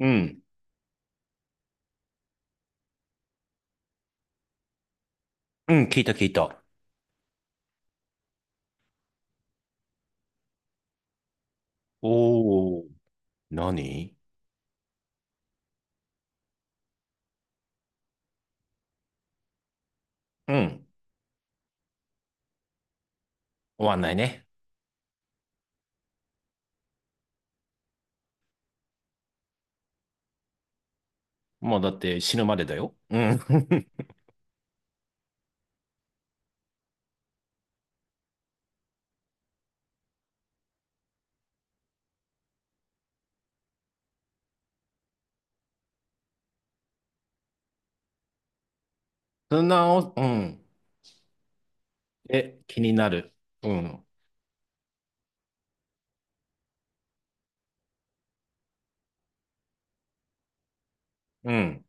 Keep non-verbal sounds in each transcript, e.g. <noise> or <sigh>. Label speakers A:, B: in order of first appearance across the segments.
A: うん。うん、聞いた聞いた。おお、何うん。終わんないね。まあだって死ぬまでだよ。うん。<laughs> そんなお、うん。え、気になる。うん。うん。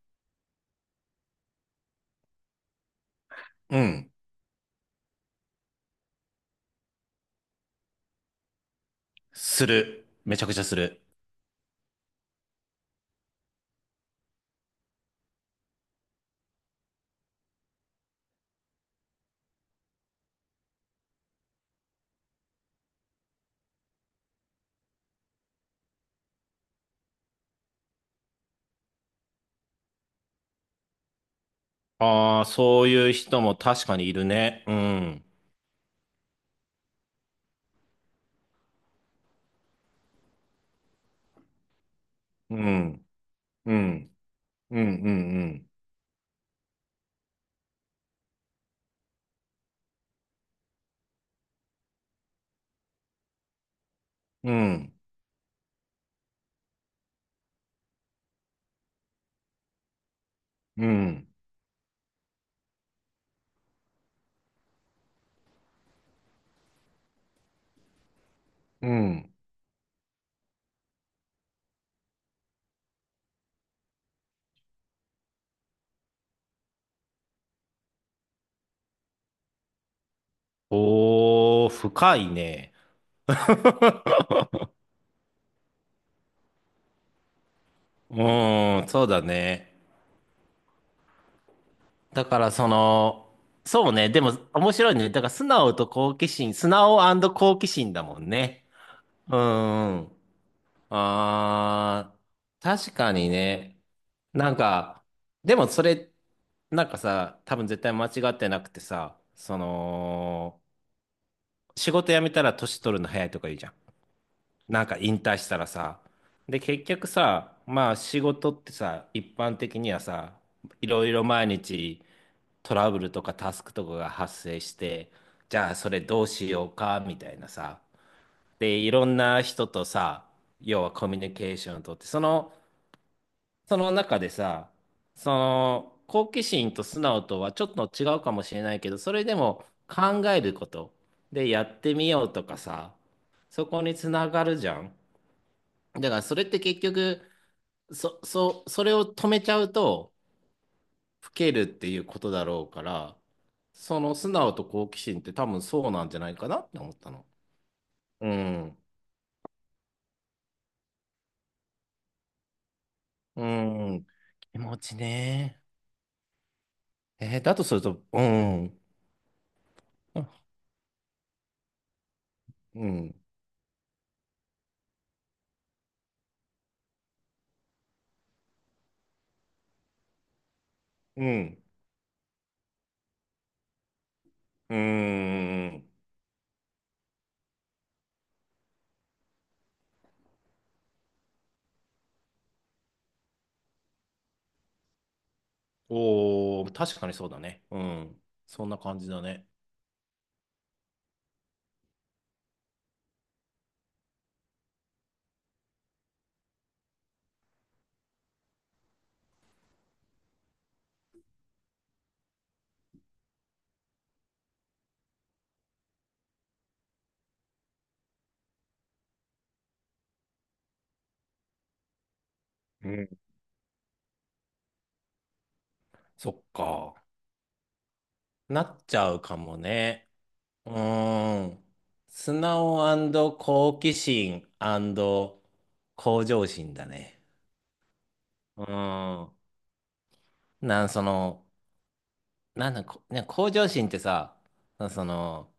A: うん。する。めちゃくちゃする。ああ、そういう人も確かにいるね。うん。うん。うん。うん。うん。うん。うん。うん。おー、深いね。<laughs> うん、そうだね。だからその、そうね、でも面白いね。だから素直と好奇心、素直好奇心だもんね。うんうん。あー、確かにね。なんか、でもそれ、なんかさ、多分絶対間違ってなくてさ、その、仕事辞めたら年取るの早いとか言うじゃん。なんか引退したらさ。で、結局さ、まあ仕事ってさ、一般的にはさ、いろいろ毎日、トラブルとかタスクとかが発生して、じゃあそれどうしようかみたいなさ。で、いろんな人とさ、要はコミュニケーションをとって、その、その中でさ、その、好奇心と素直とはちょっと違うかもしれないけど、それでも考えること。で、やってみようとかさ、そこにつながるじゃん。だからそれって結局、それを止めちゃうと、老けるっていうことだろうから、その素直と好奇心って多分そうなんじゃないかなって思ったの。うん。うん。気持ちね。だとすると、うん。うん。うん。うん。おー、確かにそうだね。うん。そんな感じだね。うん。そっか。なっちゃうかもね。うーん。素直好奇心向上心だね。うん。なんその、なんだ、こね、向上心ってさ、その、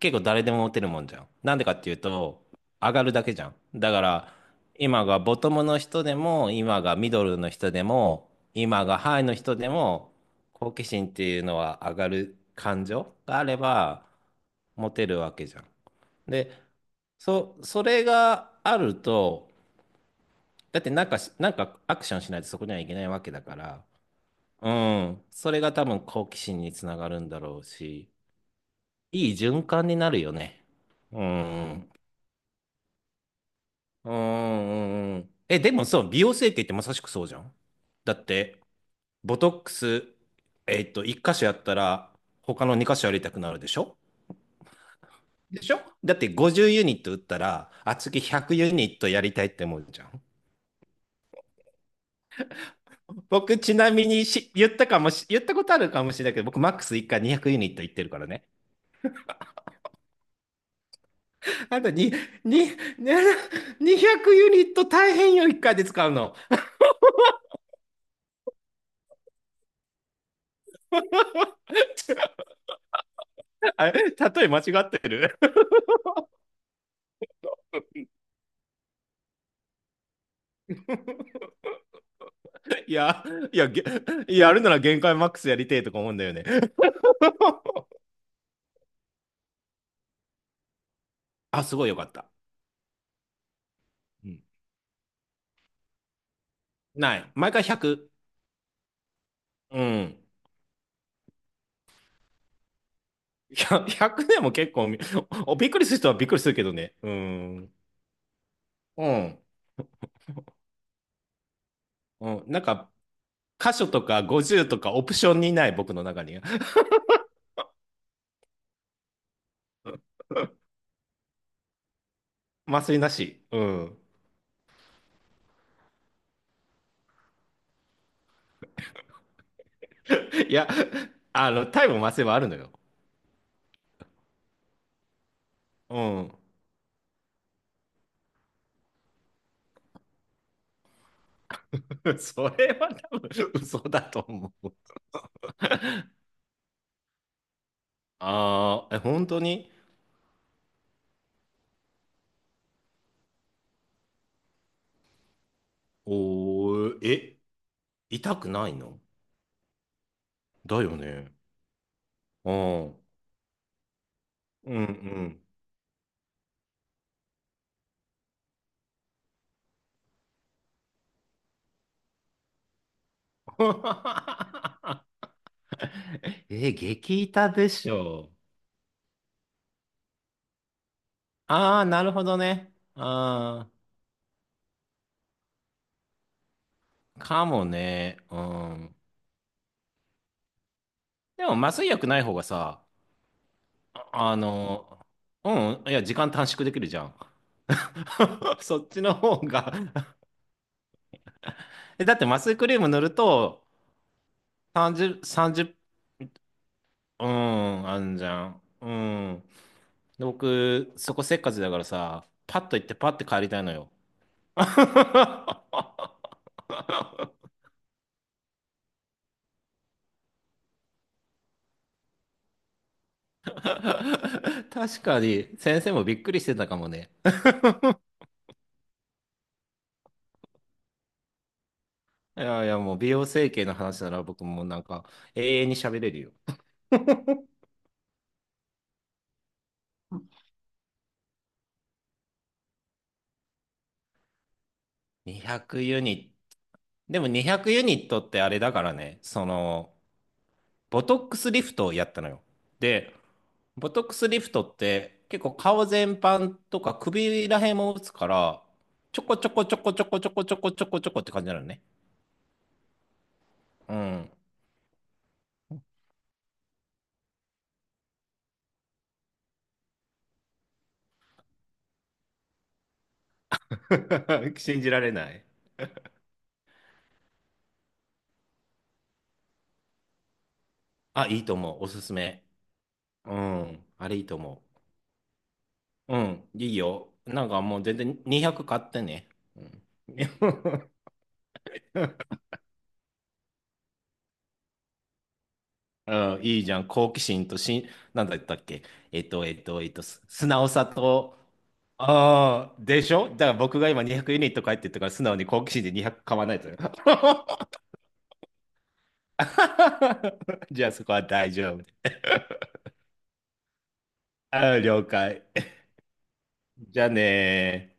A: 結構誰でも持てるもんじゃん。なんでかっていうと、上がるだけじゃん。だから、今がボトムの人でも、今がミドルの人でも、今がハイの人でも、好奇心っていうのは上がる感情があれば、持てるわけじゃん。で、それがあると、だってなんかし、なんかアクションしないとそこにはいけないわけだから、うん。それが多分好奇心につながるんだろうし、いい循環になるよね。うん。うんうんうん。え、でもそう、美容整形ってまさしくそうじゃん。だって、ボトックス、1箇所やったら、他の2箇所やりたくなるでしょ？でしょ？だって50ユニット打ったら、あ、次100ユニットやりたいって思うじゃん。僕、ちなみにし、言ったかもし、言ったことあるかもしれないけど、僕、マックス1回200ユニット行ってるからね。あんたに、に、ね、200ユニット大変よ、1回で使うの。あれ、例え間違ってる？ <laughs> いや、いや、やるなら限界マックスやりてえとか思うんだよね。<laughs> あ、すごいよかった。うん。ない。毎回100。うん。100でも結構み、おびっくりする人はびっくりするけどね。うん。うん。うん。なんか、箇所とか50とかオプションにない僕の中に。<laughs> 麻酔なし。うん。いや、タイム麻酔はあるのよ。うん。<laughs> それは多分嘘だと思う。ああ、え、本当に？おー、え、痛くないの？だよね。うん。うんうん。<laughs> え、激痛でしょ。ああ、なるほどね。ああ、かもね。うん。でも麻酔薬ない方がさ、ああの、うん、いや、時間短縮できるじゃん。<laughs> そっちの方がだって麻酔クリーム塗ると30、30うん、あんじゃん。うん。で、僕、そこせっかちだからさ、パッと行ってパッて帰りたいのよ。<laughs> 確かに、先生もびっくりしてたかもね。いやいや、もう美容整形の話なら僕もなんか永遠に喋れるよ。200ユニット。でも200ユニットってあれだからね、その、ボトックスリフトをやったのよ。で、ボトックスリフトって結構顔全般とか首ら辺も打つから、ちょこちょこちょこちょこちょこちょこちょこちょこって感じなのね。うん。<laughs> 信じられない。あ、いいと思う。おすすめ。うん。あれいいと思う。うん。いいよ。なんかもう全然200買ってね。うん。<laughs> うん、いいじゃん。好奇心となんだったっけ。素直さと、ああ、でしょ？だから僕が今200ユニット買えって言ったから素直に好奇心で200買わないとね。<laughs> じゃあそこは大丈夫。ああ、了解。じゃあねー。